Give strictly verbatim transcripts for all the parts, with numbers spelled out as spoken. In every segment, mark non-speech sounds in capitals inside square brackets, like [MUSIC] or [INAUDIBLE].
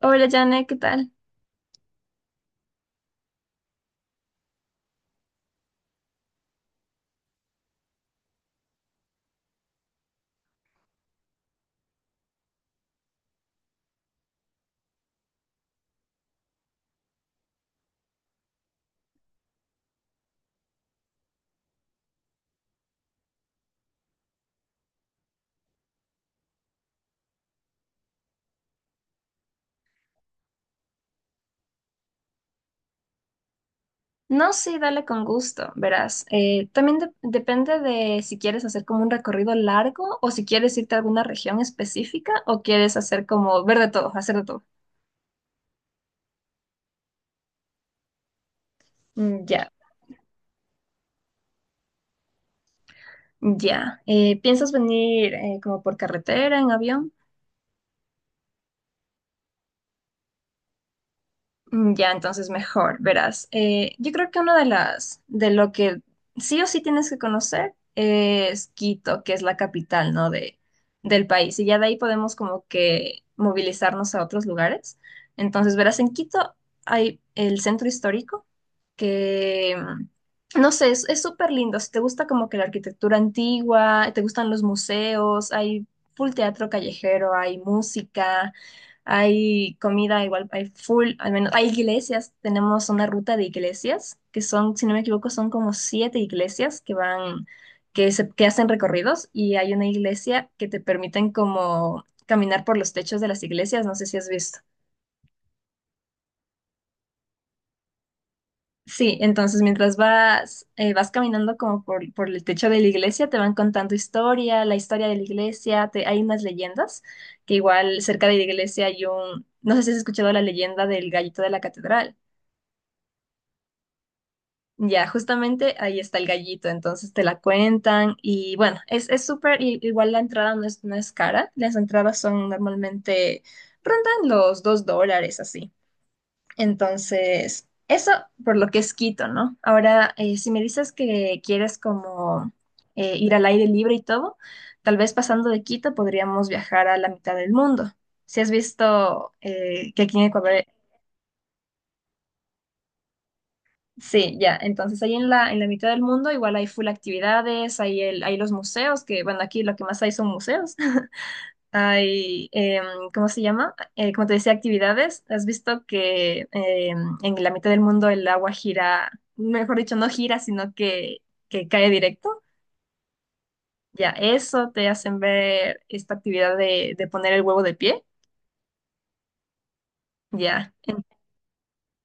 Hola, Janet, ¿qué tal? No, sí, dale con gusto, verás. Eh, también de- depende de si quieres hacer como un recorrido largo o si quieres irte a alguna región específica o quieres hacer como ver de todo, hacer de todo. Mm, ya. Ya. Eh, ¿piensas venir eh, como por carretera, en avión? Mm, ya, entonces mejor, verás. Eh, yo creo que una de las, de lo que sí o sí tienes que conocer es Quito, que es la capital, ¿no? De, del país. Y ya de ahí podemos como que movilizarnos a otros lugares. Entonces, verás, en Quito hay el centro histórico que, mm, no sé, es, es súper lindo. Si te gusta como que la arquitectura antigua, te gustan los museos, hay full teatro callejero, hay música, hay comida, igual hay full, al menos hay iglesias. Tenemos una ruta de iglesias, que son, si no me equivoco, son como siete iglesias que van, que se, que hacen recorridos y hay una iglesia que te permiten como caminar por los techos de las iglesias, no sé si has visto. Sí, entonces mientras vas, eh, vas caminando como por, por el techo de la iglesia, te van contando historia, la historia de la iglesia, te- hay unas leyendas, que igual cerca de la iglesia hay un, no sé si has escuchado la leyenda del gallito de la catedral. Ya, justamente ahí está el gallito, entonces te la cuentan y bueno, es, es súper, i- igual la entrada no es, no es cara, las entradas son normalmente, rondan los dos dólares así. Entonces, eso por lo que es Quito, ¿no? Ahora, eh, si me dices que quieres como eh, ir al aire libre y todo, tal vez pasando de Quito podríamos viajar a la mitad del mundo. Si has visto eh, que aquí en Ecuador, sí, ya, entonces ahí en la, en la mitad del mundo igual hay full actividades, hay, el, hay los museos, que bueno, aquí lo que más hay son museos. Hay, em, ¿Cómo se llama? Eh, como te decía, actividades. ¿Has visto que em, en la mitad del mundo el agua gira, mejor dicho, no gira, sino que, que cae directo? Ya, eso te hacen ver esta actividad de, de poner el huevo de pie. Ya, En-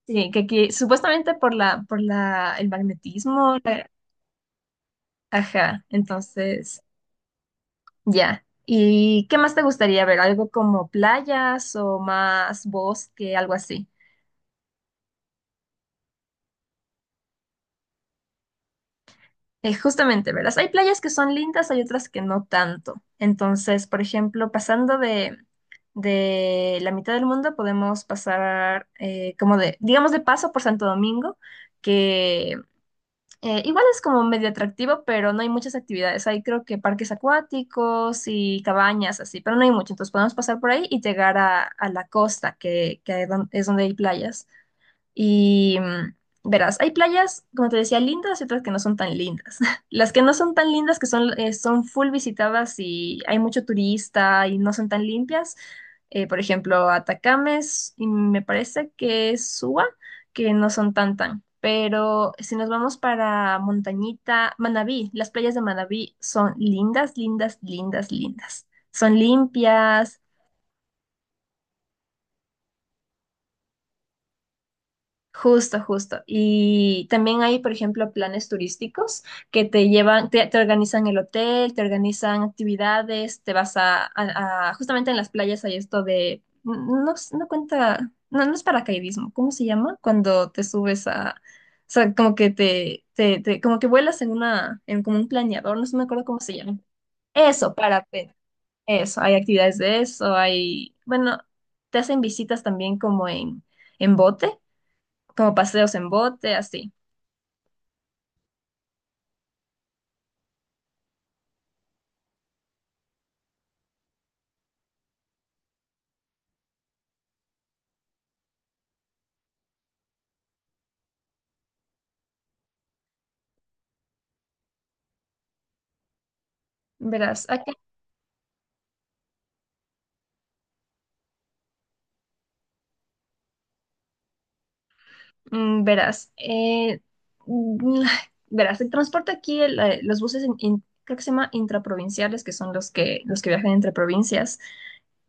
sí, que aquí, supuestamente por la, por la, el magnetismo, la- Ajá, entonces, ya. ¿Y qué más te gustaría ver? ¿Algo como playas o más bosque, algo así? Eh, justamente, verás, hay playas que son lindas, hay otras que no tanto. Entonces, por ejemplo, pasando de, de la mitad del mundo, podemos pasar eh, como de, digamos, de paso por Santo Domingo, que eh, igual es como medio atractivo, pero no hay muchas actividades. Hay creo que parques acuáticos y cabañas así, pero no hay mucho. Entonces podemos pasar por ahí y llegar a, a la costa, que, que es don- es donde hay playas. Y mm, verás, hay playas, como te decía, lindas y otras que no son tan lindas. [LAUGHS] Las que no son tan lindas, que son, eh, son full visitadas y hay mucho turista y no son tan limpias. Eh, por ejemplo, Atacames y me parece que es Suba, que no son tan tan. Pero si nos vamos para Montañita, Manabí, las playas de Manabí son lindas, lindas, lindas, lindas. Son limpias. Justo, justo. Y también hay, por ejemplo, planes turísticos que te llevan, te, te organizan el hotel, te organizan actividades, te vas a, a- a- justamente en las playas hay esto de, no, no cuenta, no, no es paracaidismo, ¿cómo se llama? Cuando te subes a, o sea, como que te, te, te- como que vuelas en una, en como un planeador, no sé, no me acuerdo cómo se llama. Eso, parapente, eso, hay actividades de eso, hay, bueno, te hacen visitas también como en, en bote como paseos en bote, así. Verás, aquí, mm, verás, eh, mm, [SIGHS] Verás, el transporte aquí, el, eh, los buses, in- in- creo que se llama intraprovinciales, que son los que, los que viajan entre provincias.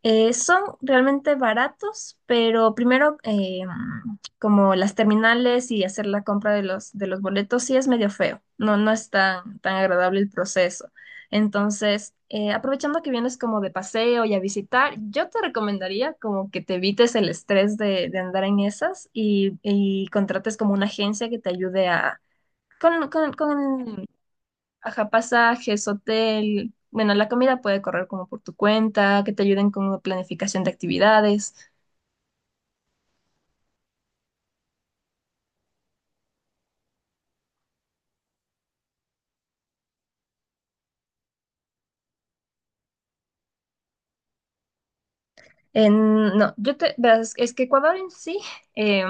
Eh, son realmente baratos, pero primero eh, como las terminales y hacer la compra de los, de los boletos sí es medio feo, no, no es tan, tan agradable el proceso. Entonces, eh, aprovechando que vienes como de paseo y a visitar, yo te recomendaría como que te evites el estrés de, de andar en esas y, y contrates como una agencia que te ayude a, con, con, con Ajá, pasajes, hotel. Bueno, la comida puede correr como por tu cuenta, que te ayuden con planificación de actividades. En- no, yo te, verás, es que Ecuador en sí, em,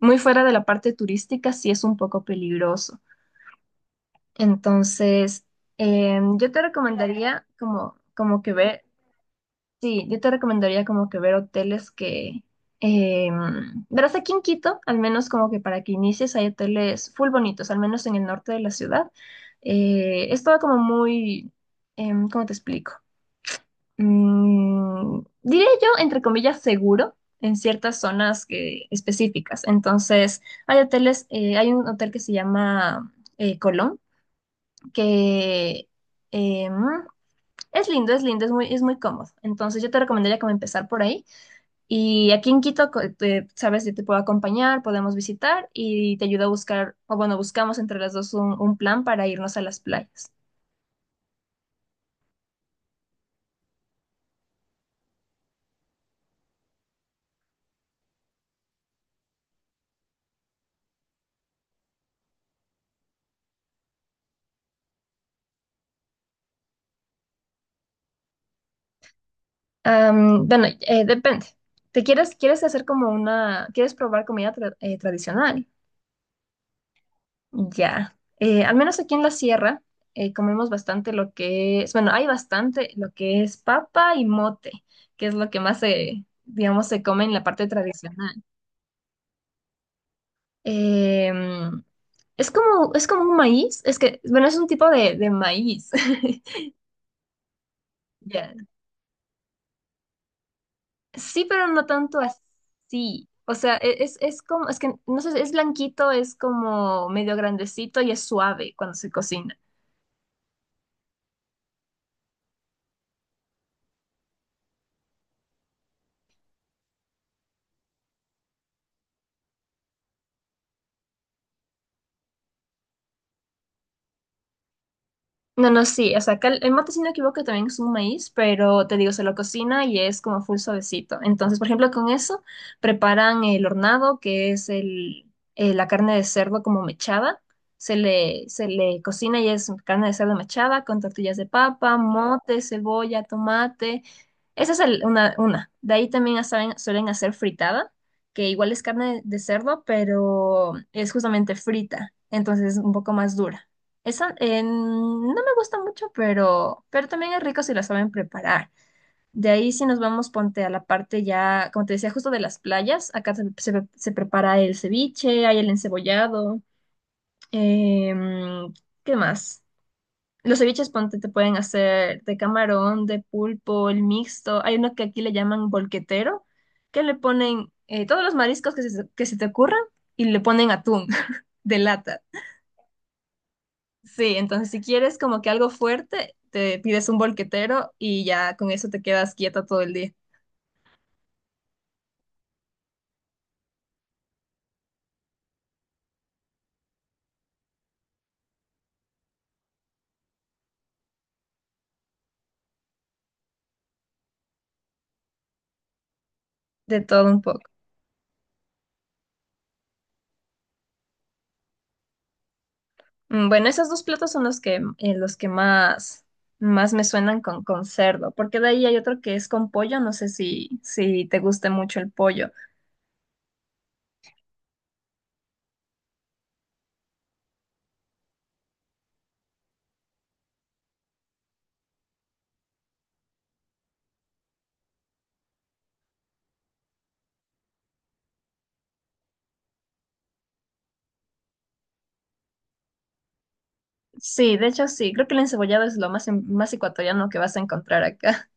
muy fuera de la parte turística, sí es un poco peligroso. Entonces, em, yo te recomendaría como, como que ver sí, yo te recomendaría como que ver hoteles que... eh, Verás, aquí en Quito, al menos como que para que inicies, hay hoteles full bonitos, al menos en el norte de la ciudad. Eh, es todo como muy... em, ¿Cómo te explico? Mm, diré yo, entre comillas, seguro en ciertas zonas que- específicas. Entonces, hay hoteles, eh, hay un hotel que se llama eh, Colón, que... em, es lindo, es lindo, es muy, es muy cómodo. Entonces yo te recomendaría como empezar por ahí. Y aquí en Quito, co- te- sabes, yo te puedo acompañar, podemos visitar y te ayudo a buscar, o bueno, buscamos entre las dos un, un plan para irnos a las playas. Am, bueno, eh, depende. ¿Te quieres, quieres hacer como una, quieres probar comida tra- eh, tradicional? Ya. Eh, al menos aquí en la sierra eh, comemos bastante lo que es, bueno, hay bastante lo que es papa y mote, que es lo que más se, digamos, se come en la parte tradicional. Em, es como, es como, un maíz, es que, bueno, es un tipo de, de maíz. [LAUGHS] Ya. Sí, pero no tanto así. O sea, e- es, es como, es que, no sé, es blanquito, es como medio grandecito y es suave cuando se cocina. No, no, sí, o sea, acá el el mate, si no me equivoco, también es un maíz, pero te digo, se lo cocina y es como full suavecito. Entonces, por ejemplo, con eso preparan el hornado, que es el, eh, la carne de cerdo como mechada. Se le, se le cocina y es carne de cerdo mechada con tortillas de papa, mote, cebolla, tomate. Esa es el- una, una. De ahí también saben- suelen hacer fritada, que igual es carne de cerdo, pero es justamente frita, entonces es un poco más dura. Esa eh, no me gusta mucho, pero, pero también es rico si la saben preparar. De ahí si nos vamos, ponte a la parte ya, como te decía, justo de las playas, acá se, se- se prepara el ceviche, hay el encebollado, em, ¿qué más? Los ceviches, ponte, te pueden hacer de camarón, de pulpo, el mixto. Hay uno que aquí le llaman bolquetero, que le ponen eh, todos los mariscos que se, que se te ocurran y le ponen atún [LAUGHS] de lata. Sí, entonces si quieres como que algo fuerte, te pides un bolquetero y ya con eso te quedas quieta todo el día, de todo un poco. Mm, Bueno, esos dos platos son los que, eh, los que más, más me suenan con, con cerdo, porque de ahí hay otro que es con pollo, no sé si, si te guste mucho el pollo. Sí, de hecho sí, creo que el encebollado es lo más, en- más ecuatoriano que vas a encontrar acá.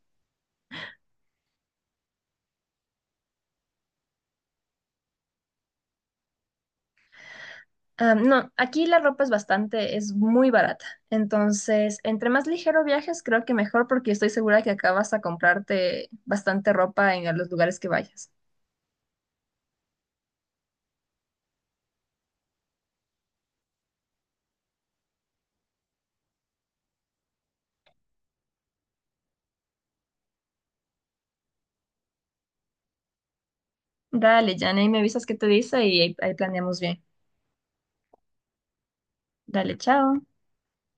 Ah, no, aquí la ropa es bastante, es muy barata. Entonces, entre más ligero viajes, creo que mejor porque estoy segura que acá vas a comprarte bastante ropa en los lugares que vayas. Dale, Jane, ahí me avisas qué te dice y ahí ahí planeamos bien. Dale, chao.